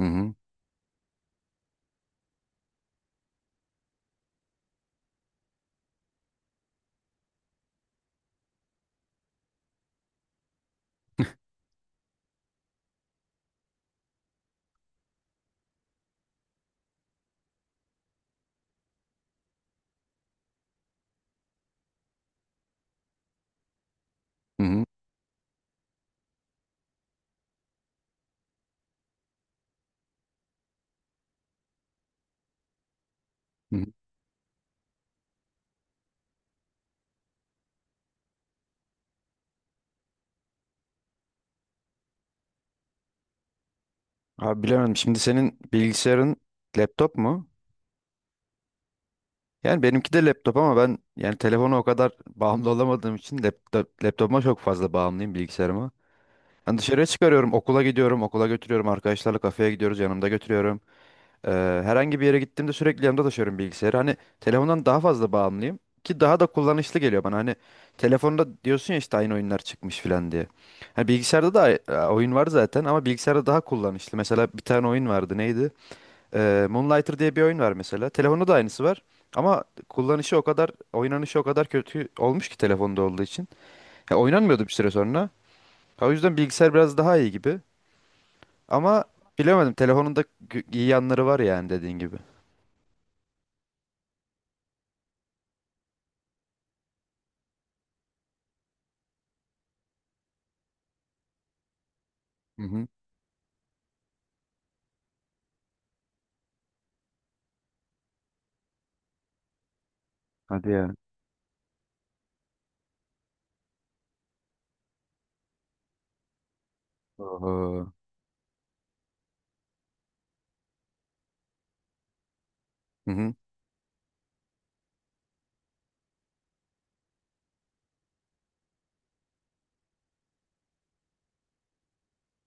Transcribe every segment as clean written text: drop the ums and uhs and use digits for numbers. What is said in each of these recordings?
Hı hı. Hı hı. Hı hı. Abi bilemedim. Şimdi senin bilgisayarın laptop mu? Yani benimki de laptop ama ben yani telefona o kadar bağımlı olamadığım için laptopuma çok fazla bağımlıyım bilgisayarıma. Yani dışarıya çıkarıyorum, okula gidiyorum, okula götürüyorum, arkadaşlarla kafeye gidiyoruz, yanımda götürüyorum. Eee, herhangi bir yere gittiğimde sürekli yanımda taşıyorum bilgisayarı. Hani telefondan daha fazla bağımlıyım ki daha da kullanışlı geliyor bana. Hani telefonda diyorsun ya işte aynı oyunlar çıkmış filan diye. Hani bilgisayarda da oyun var zaten ama bilgisayarda daha kullanışlı. Mesela bir tane oyun vardı neydi? Moonlighter diye bir oyun var mesela. Telefonda da aynısı var. Ama kullanışı o kadar, oynanışı o kadar kötü olmuş ki telefonda olduğu için. Ya oynanmıyordu bir süre sonra. O yüzden bilgisayar biraz daha iyi gibi. Ama bilemedim. Telefonun da iyi yanları var yani dediğin gibi. Hadi ya. Oho. Hı hı.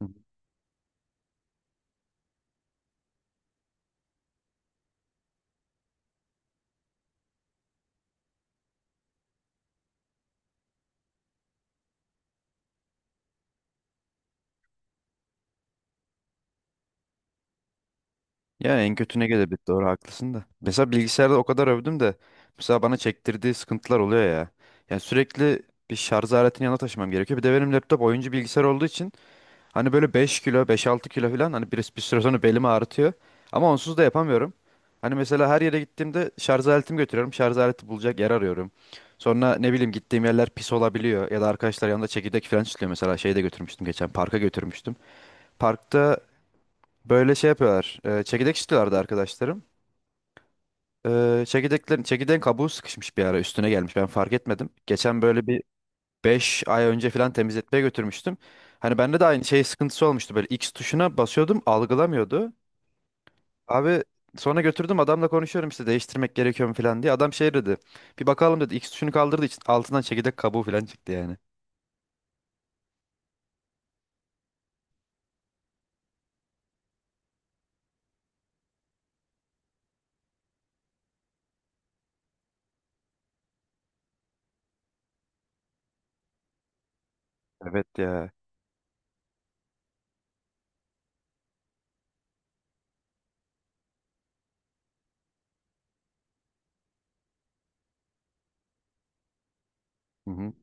Hı hı. Ya en kötü ne gelebilir? Doğru haklısın da. Mesela bilgisayarda o kadar övdüm de mesela bana çektirdiği sıkıntılar oluyor ya. Yani sürekli bir şarj aletini yanına taşımam gerekiyor. Bir de benim laptop oyuncu bilgisayar olduğu için hani böyle 5 kilo, beş altı kilo falan hani bir süre sonra belimi ağrıtıyor. Ama onsuz da yapamıyorum. Hani mesela her yere gittiğimde şarj aletimi götürüyorum. Şarj aleti bulacak yer arıyorum. Sonra ne bileyim gittiğim yerler pis olabiliyor ya da arkadaşlar yanında çekirdek falan çıkıyor mesela şeyi de götürmüştüm geçen parka götürmüştüm. Parkta böyle şey yapıyorlar. Çekirdek istiyorlardı arkadaşlarım. Çekirdeğin kabuğu sıkışmış bir ara üstüne gelmiş. Ben fark etmedim. Geçen böyle bir 5 ay önce falan temizletmeye götürmüştüm. Hani bende de aynı şey sıkıntısı olmuştu. Böyle X tuşuna basıyordum algılamıyordu. Abi sonra götürdüm adamla konuşuyorum işte değiştirmek gerekiyor mu falan diye. Adam şey dedi. Bir bakalım dedi. X tuşunu kaldırdığı için altından çekirdek kabuğu falan çıktı yani. Evet ya. Hı hı.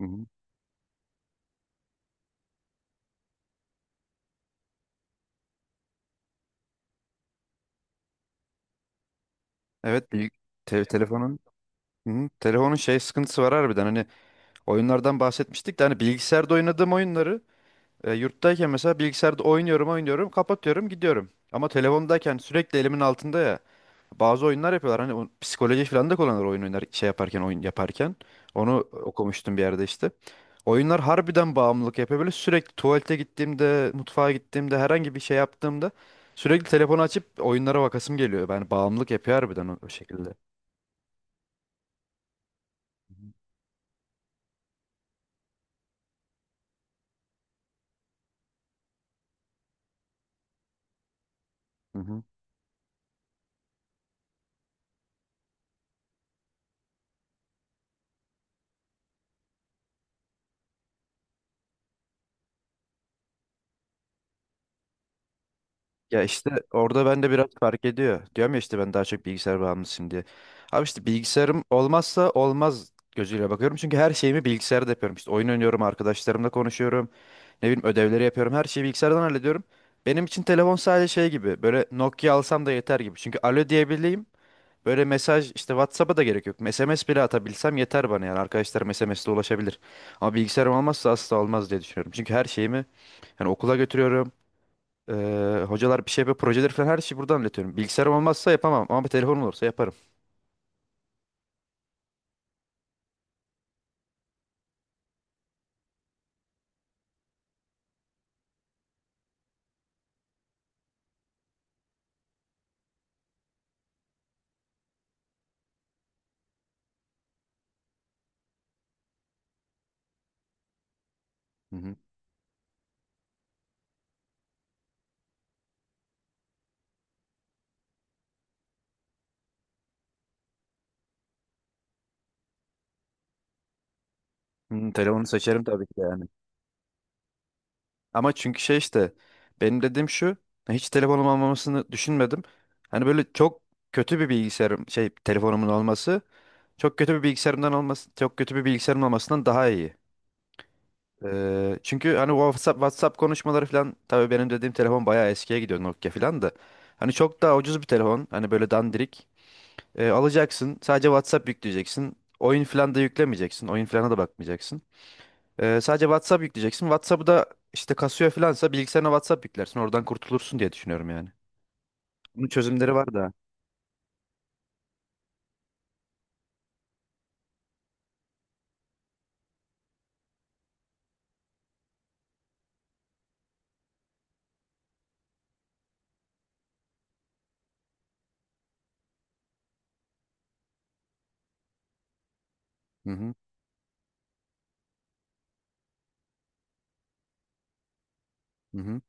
Hı hı. Evet, büyük telefonun. Hı. Telefonun şey sıkıntısı var harbiden. Hani oyunlardan bahsetmiştik de hani bilgisayarda oynadığım oyunları yurttayken mesela bilgisayarda oynuyorum oynuyorum kapatıyorum gidiyorum. Ama telefondayken sürekli elimin altında ya bazı oyunlar yapıyorlar hani o psikoloji falan da kullanır oyun oynar şey yaparken oyun yaparken. Onu okumuştum bir yerde işte. Oyunlar harbiden bağımlılık yapıyor böyle sürekli tuvalete gittiğimde mutfağa gittiğimde herhangi bir şey yaptığımda sürekli telefonu açıp oyunlara bakasım geliyor. Yani bağımlılık yapıyor harbiden o şekilde. Hı hı. Ya işte orada ben de biraz fark ediyor. Diyorum ya işte ben daha çok bilgisayar bağımlısıyım diye. Abi işte bilgisayarım olmazsa olmaz gözüyle bakıyorum. Çünkü her şeyimi bilgisayarda yapıyorum. İşte oyun oynuyorum, arkadaşlarımla konuşuyorum. Ne bileyim ödevleri yapıyorum. Her şeyi bilgisayardan hallediyorum. Benim için telefon sadece şey gibi. Böyle Nokia alsam da yeter gibi. Çünkü alo diyebileyim. Böyle mesaj işte WhatsApp'a da gerek yok. SMS bile atabilsem yeter bana yani. Arkadaşlarım SMS'le ulaşabilir. Ama bilgisayarım olmazsa asla olmaz diye düşünüyorum. Çünkü her şeyimi yani okula götürüyorum. Hocalar bir şey yapıyor, projeleri falan her şeyi buradan anlatıyorum. Bilgisayarım olmazsa yapamam ama bir telefonum olursa yaparım. Hı hı. Hı, telefonu seçerim tabii ki de yani. Ama çünkü şey işte benim dediğim şu hiç telefonum olmamasını düşünmedim. Hani böyle çok kötü bir bilgisayarım şey telefonumun olması çok kötü bir bilgisayarımdan olması çok kötü bir bilgisayarım olmasından daha iyi. Çünkü hani WhatsApp konuşmaları falan tabii benim dediğim telefon bayağı eskiye gidiyor Nokia falan da. Hani çok daha ucuz bir telefon. Hani böyle dandirik. Alacaksın. Sadece WhatsApp yükleyeceksin. Oyun falan da yüklemeyeceksin. Oyun falan da bakmayacaksın. Sadece WhatsApp yükleyeceksin. WhatsApp'ı da işte kasıyor falansa bilgisayarına WhatsApp yüklersin. Oradan kurtulursun diye düşünüyorum yani. Bunun çözümleri var da. Hı hı. Hı hı.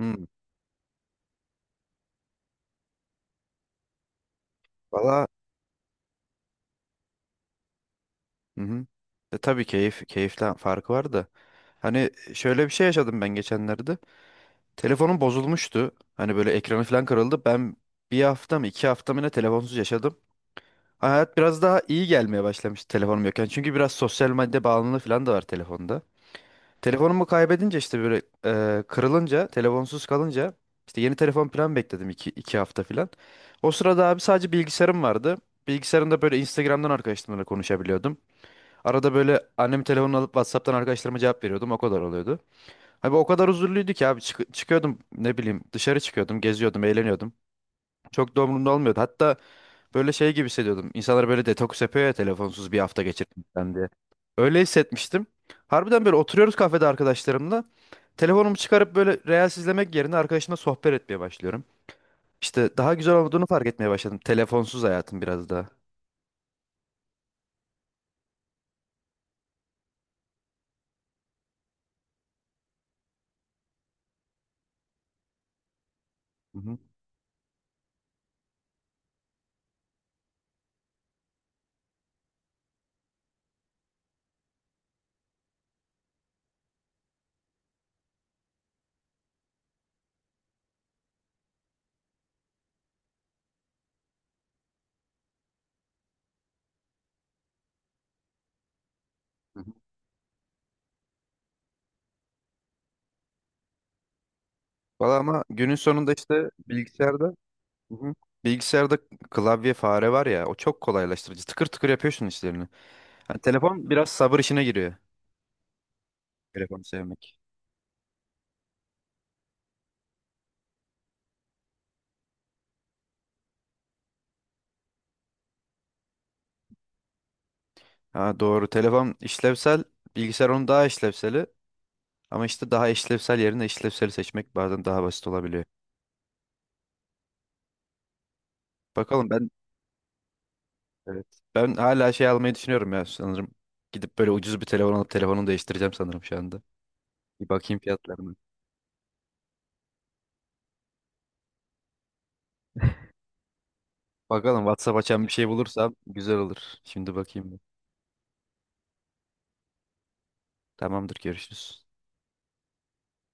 Hı. Valla. Hı hı. Tabii keyiften farkı var da. Hani şöyle bir şey yaşadım ben geçenlerde. Telefonum bozulmuştu. Hani böyle ekranı falan kırıldı. Ben bir hafta mı iki hafta mı ne telefonsuz yaşadım. Hayat biraz daha iyi gelmeye başlamış telefonum yokken. Çünkü biraz sosyal medya bağımlılığı falan da var telefonda. Telefonumu kaybedince işte böyle kırılınca, telefonsuz kalınca işte yeni telefon plan bekledim iki hafta falan. O sırada abi sadece bilgisayarım vardı. Bilgisayarımda böyle Instagram'dan arkadaşlarımla konuşabiliyordum. Arada böyle annem telefonunu alıp WhatsApp'tan arkadaşlarıma cevap veriyordum. O kadar oluyordu. Abi o kadar huzurluydu ki abi çıkıyordum ne bileyim dışarı çıkıyordum, geziyordum, eğleniyordum. Çok da umurumda olmuyordu. Hatta böyle şey gibi hissediyordum. İnsanlar böyle detoks yapıyor ya telefonsuz bir hafta geçirmekten diye. Öyle hissetmiştim. Harbiden böyle oturuyoruz kafede arkadaşlarımla. Telefonumu çıkarıp böyle reels izlemek yerine arkadaşımla sohbet etmeye başlıyorum. İşte daha güzel olduğunu fark etmeye başladım. Telefonsuz hayatım biraz daha. Hı hı. Hı hı. Valla ama günün sonunda işte bilgisayarda. Hı hı. Bilgisayarda klavye fare var ya o çok kolaylaştırıcı. Tıkır tıkır yapıyorsun işlerini. Hani telefon biraz sabır işine giriyor. Telefonu sevmek. Ha doğru. Telefon işlevsel, bilgisayar onun daha işlevseli. Ama işte daha işlevsel yerine işlevseli seçmek bazen daha basit olabiliyor. Bakalım ben. Evet. Ben hala şey almayı düşünüyorum ya sanırım. Gidip böyle ucuz bir telefon alıp telefonumu değiştireceğim sanırım şu anda. Bir bakayım fiyatlarına. Bakalım WhatsApp açan bir şey bulursam güzel olur. Şimdi bakayım bir. Tamamdır, görüşürüz.